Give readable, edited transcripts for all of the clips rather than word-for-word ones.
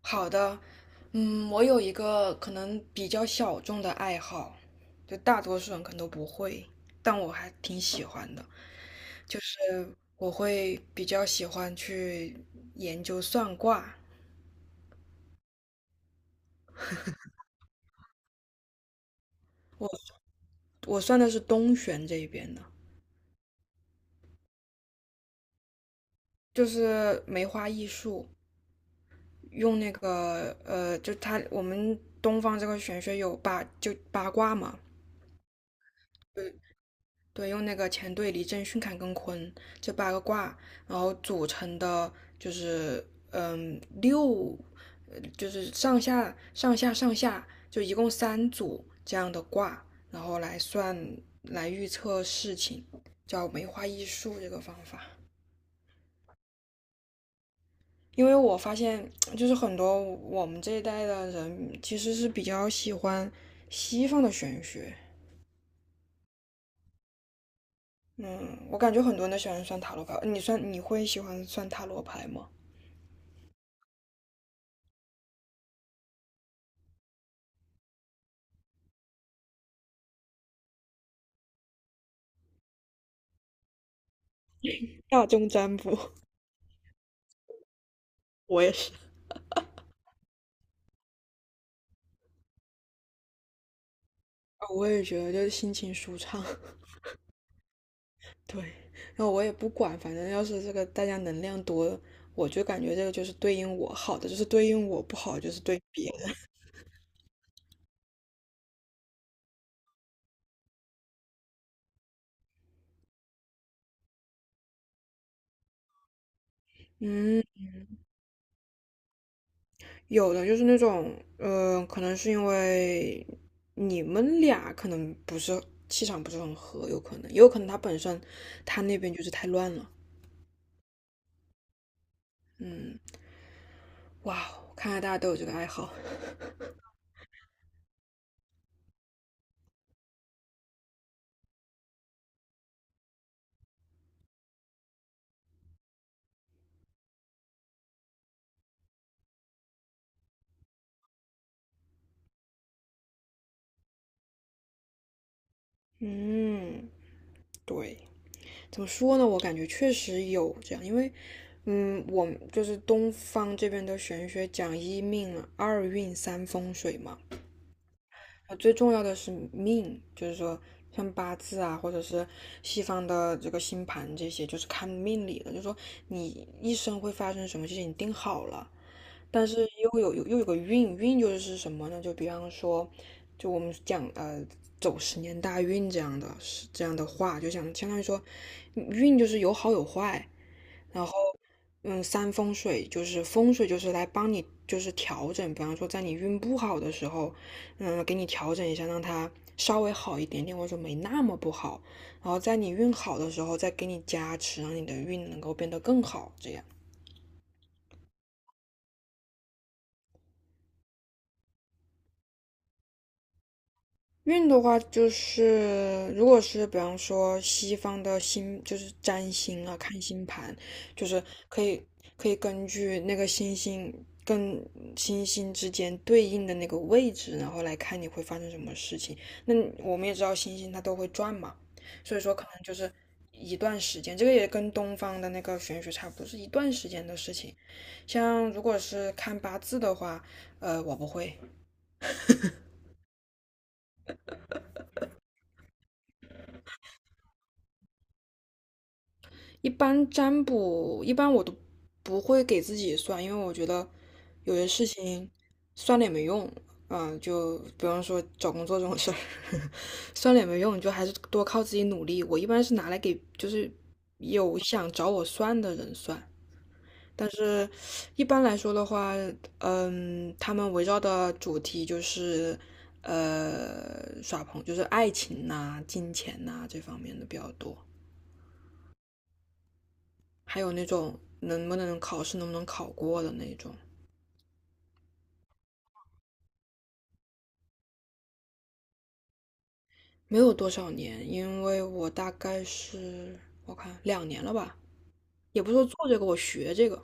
好的，我有一个可能比较小众的爱好，就大多数人可能都不会，但我还挺喜欢的，就是我会比较喜欢去研究算卦。我我算的是东玄这一边的，就是梅花易数，用那个就它我们东方这个玄学有就八卦嘛，对，用那个乾兑离震巽坎艮坤这八个卦，然后组成的就是六，就是上下上下上下，就一共三组这样的卦，然后来预测事情，叫梅花易数这个方法。因为我发现，就是很多我们这一代的人其实是比较喜欢西方的玄学。嗯，我感觉很多人都喜欢算塔罗牌。你会喜欢算塔罗牌吗？大众占卜，我也是，啊我也觉得就是心情舒畅，对，然后我也不管，反正要是这个大家能量多，我就感觉这个就是对应我好的，就是对应我不好，就是对别的。嗯，有的就是那种，可能是因为你们俩可能不是气场不是很合，有可能，也有可能他本身他那边就是太乱了。嗯，哇，看来大家都有这个爱好。嗯，对。怎么说呢？我感觉确实有这样，因为，我就是东方这边的玄学讲一命啊、二运、三风水嘛，最重要的是命，就是说像八字啊，或者是西方的这个星盘这些，就是看命理的，就是说你一生会发生什么事情，你定好了，但是又有个运，运就是什么呢？就比方说，就我们讲走10年大运这样的话，就想相当于说，运就是有好有坏，然后三风水就是风水就是来帮你就是调整，比方说在你运不好的时候，给你调整一下，让它稍微好一点点，或者说没那么不好，然后在你运好的时候再给你加持，让你的运能够变得更好，这样。运的话，就是如果是比方说西方的星，就是占星啊，看星盘，就是可以可以根据那个星星跟星星之间对应的那个位置，然后来看你会发生什么事情。那我们也知道星星它都会转嘛，所以说可能就是一段时间，这个也跟东方的那个玄学差不多，是一段时间的事情。像如果是看八字的话，我不会。一般占卜，一般我都不会给自己算，因为我觉得有些事情算了也没用。就比方说找工作这种事儿，算了也没用，你就还是多靠自己努力。我一般是拿来给就是有想找我算的人算，但是一般来说的话，他们围绕的主题就是耍朋，就是爱情呐、金钱呐、这方面的比较多。还有那种能不能考过的那种。没有多少年，因为我大概是我看2年了吧，也不是说做这个，我学这个，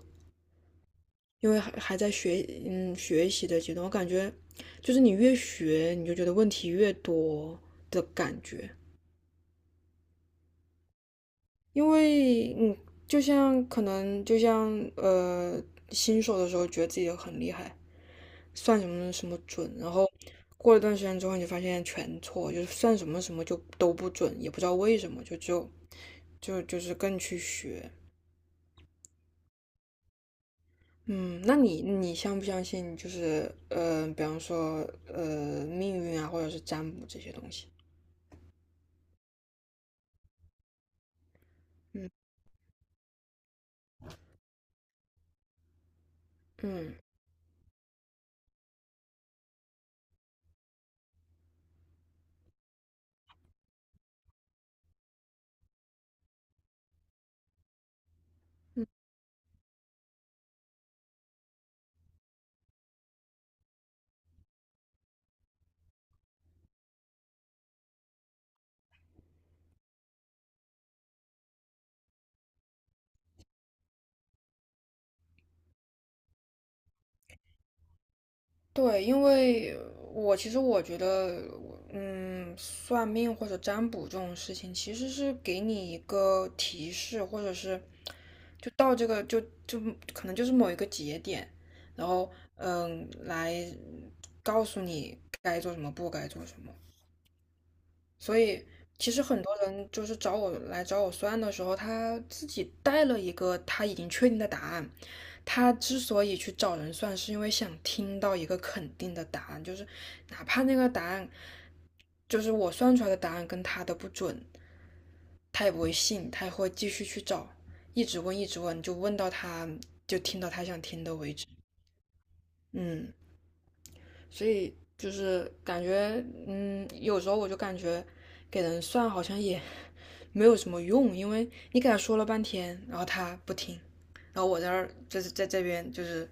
因为还在学习的阶段，我感觉就是你越学，你就觉得问题越多的感觉，因为就像可能新手的时候觉得自己很厉害，算什么什么准，然后过了一段时间之后，你就发现全错，就是算什么什么就都不准，也不知道为什么，就是更去学。嗯，那你相不相信就是比方说命运啊，或者是占卜这些东西？嗯嗯对，因为其实我觉得，算命或者占卜这种事情，其实是给你一个提示，或者是就到这个就可能就是某一个节点，然后来告诉你该做什么，不该做什么。所以其实很多人就是找我算的时候，他自己带了一个他已经确定的答案。他之所以去找人算，是因为想听到一个肯定的答案，就是哪怕那个答案就是我算出来的答案跟他的不准，他也不会信，他也会继续去找，一直问，一直问，就听到他想听的为止。嗯。所以就是感觉，有时候我就感觉给人算好像也 没有什么用，因为你给他说了半天，然后他不听，然后我在这儿就是在这边就是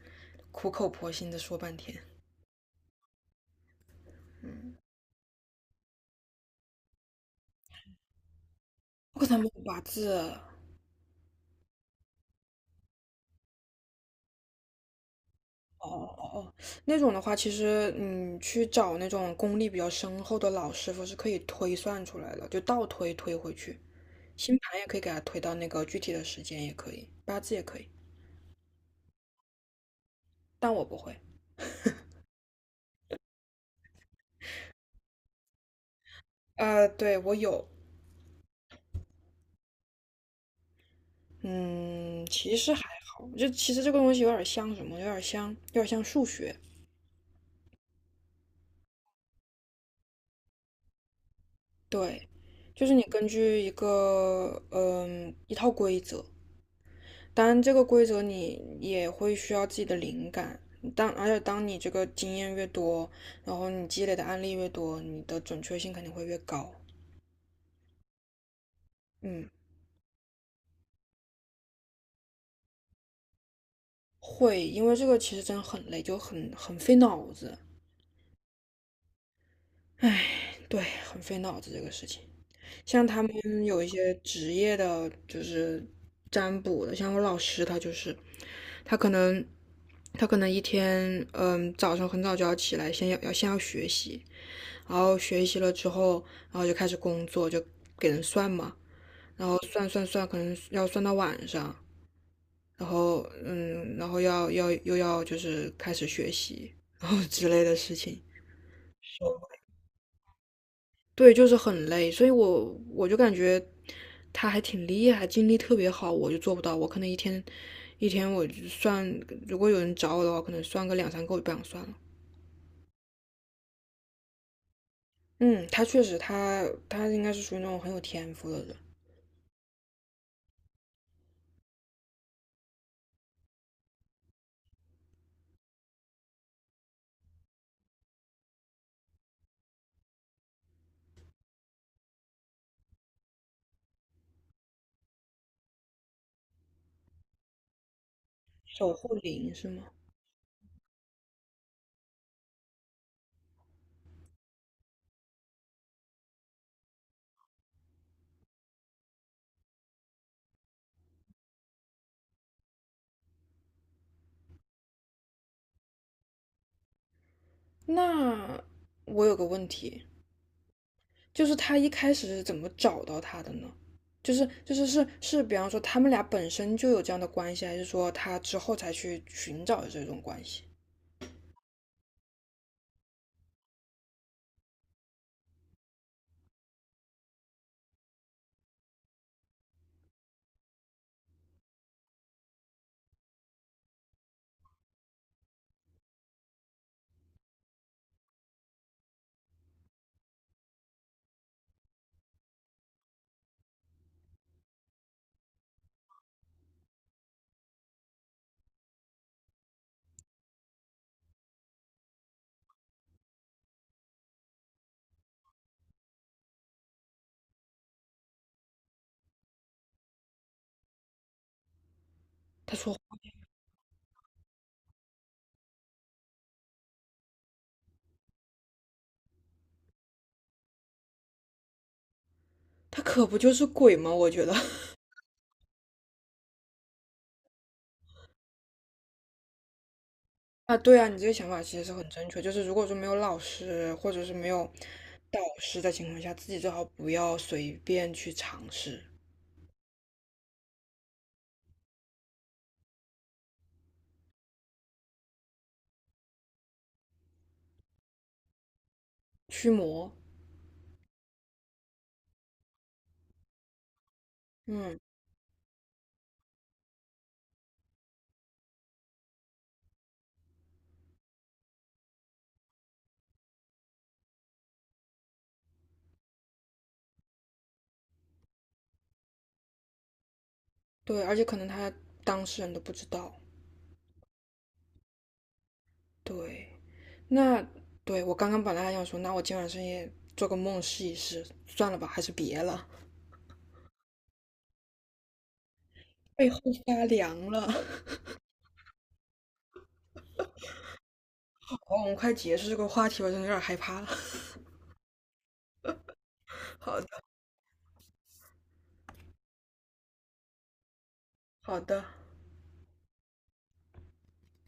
苦口婆心的说半天，我给他们八字。哦哦哦，那种的话，其实去找那种功力比较深厚的老师傅是可以推算出来的，就倒推推回去，星盘也可以给他推到那个具体的时间，也可以，八字也可以，但我不会。对，我有，嗯，其实还好，就其实这个东西有点像什么，有点像数学。对，就是你根据一个嗯一套规则，当然这个规则你也会需要自己的灵感。而且当你这个经验越多，然后你积累的案例越多，你的准确性肯定会越高。嗯，会，因为这个其实真的很累，就很费脑子。唉，对，很费脑子这个事情。像他们有一些职业的，就是占卜的，像我老师他就是，他可能他可能一天，早上很早就要起来，先要学习，然后学习了之后，然后就开始工作，就给人算嘛，然后算算算，可能要算到晚上，然后然后又要就是开始学习 然后之类的事情。对，就是很累，所以我就感觉他还挺厉害，精力特别好，我就做不到。我可能一天我就算，如果有人找我的话，可能算个两三个，我就不想算了。嗯，他确实他，他应该是属于那种很有天赋的人，守护灵是吗？那我有个问题，就是他一开始是怎么找到他的呢？就是，比方说他们俩本身就有这样的关系，还是说他之后才去寻找的这种关系？他说他可不就是鬼吗？我觉得 啊，对啊，你这个想法其实是很正确。就是如果说没有老师或者是没有导师的情况下，自己最好不要随便去尝试驱魔。嗯，对，而且可能当事人都不知道。对，那对我刚刚本来还想说，那我今晚深夜做个梦试一试，算了吧，还是别了，背后发凉了。好，我们快结束这个话题吧，真的有点害怕了。好的，好的。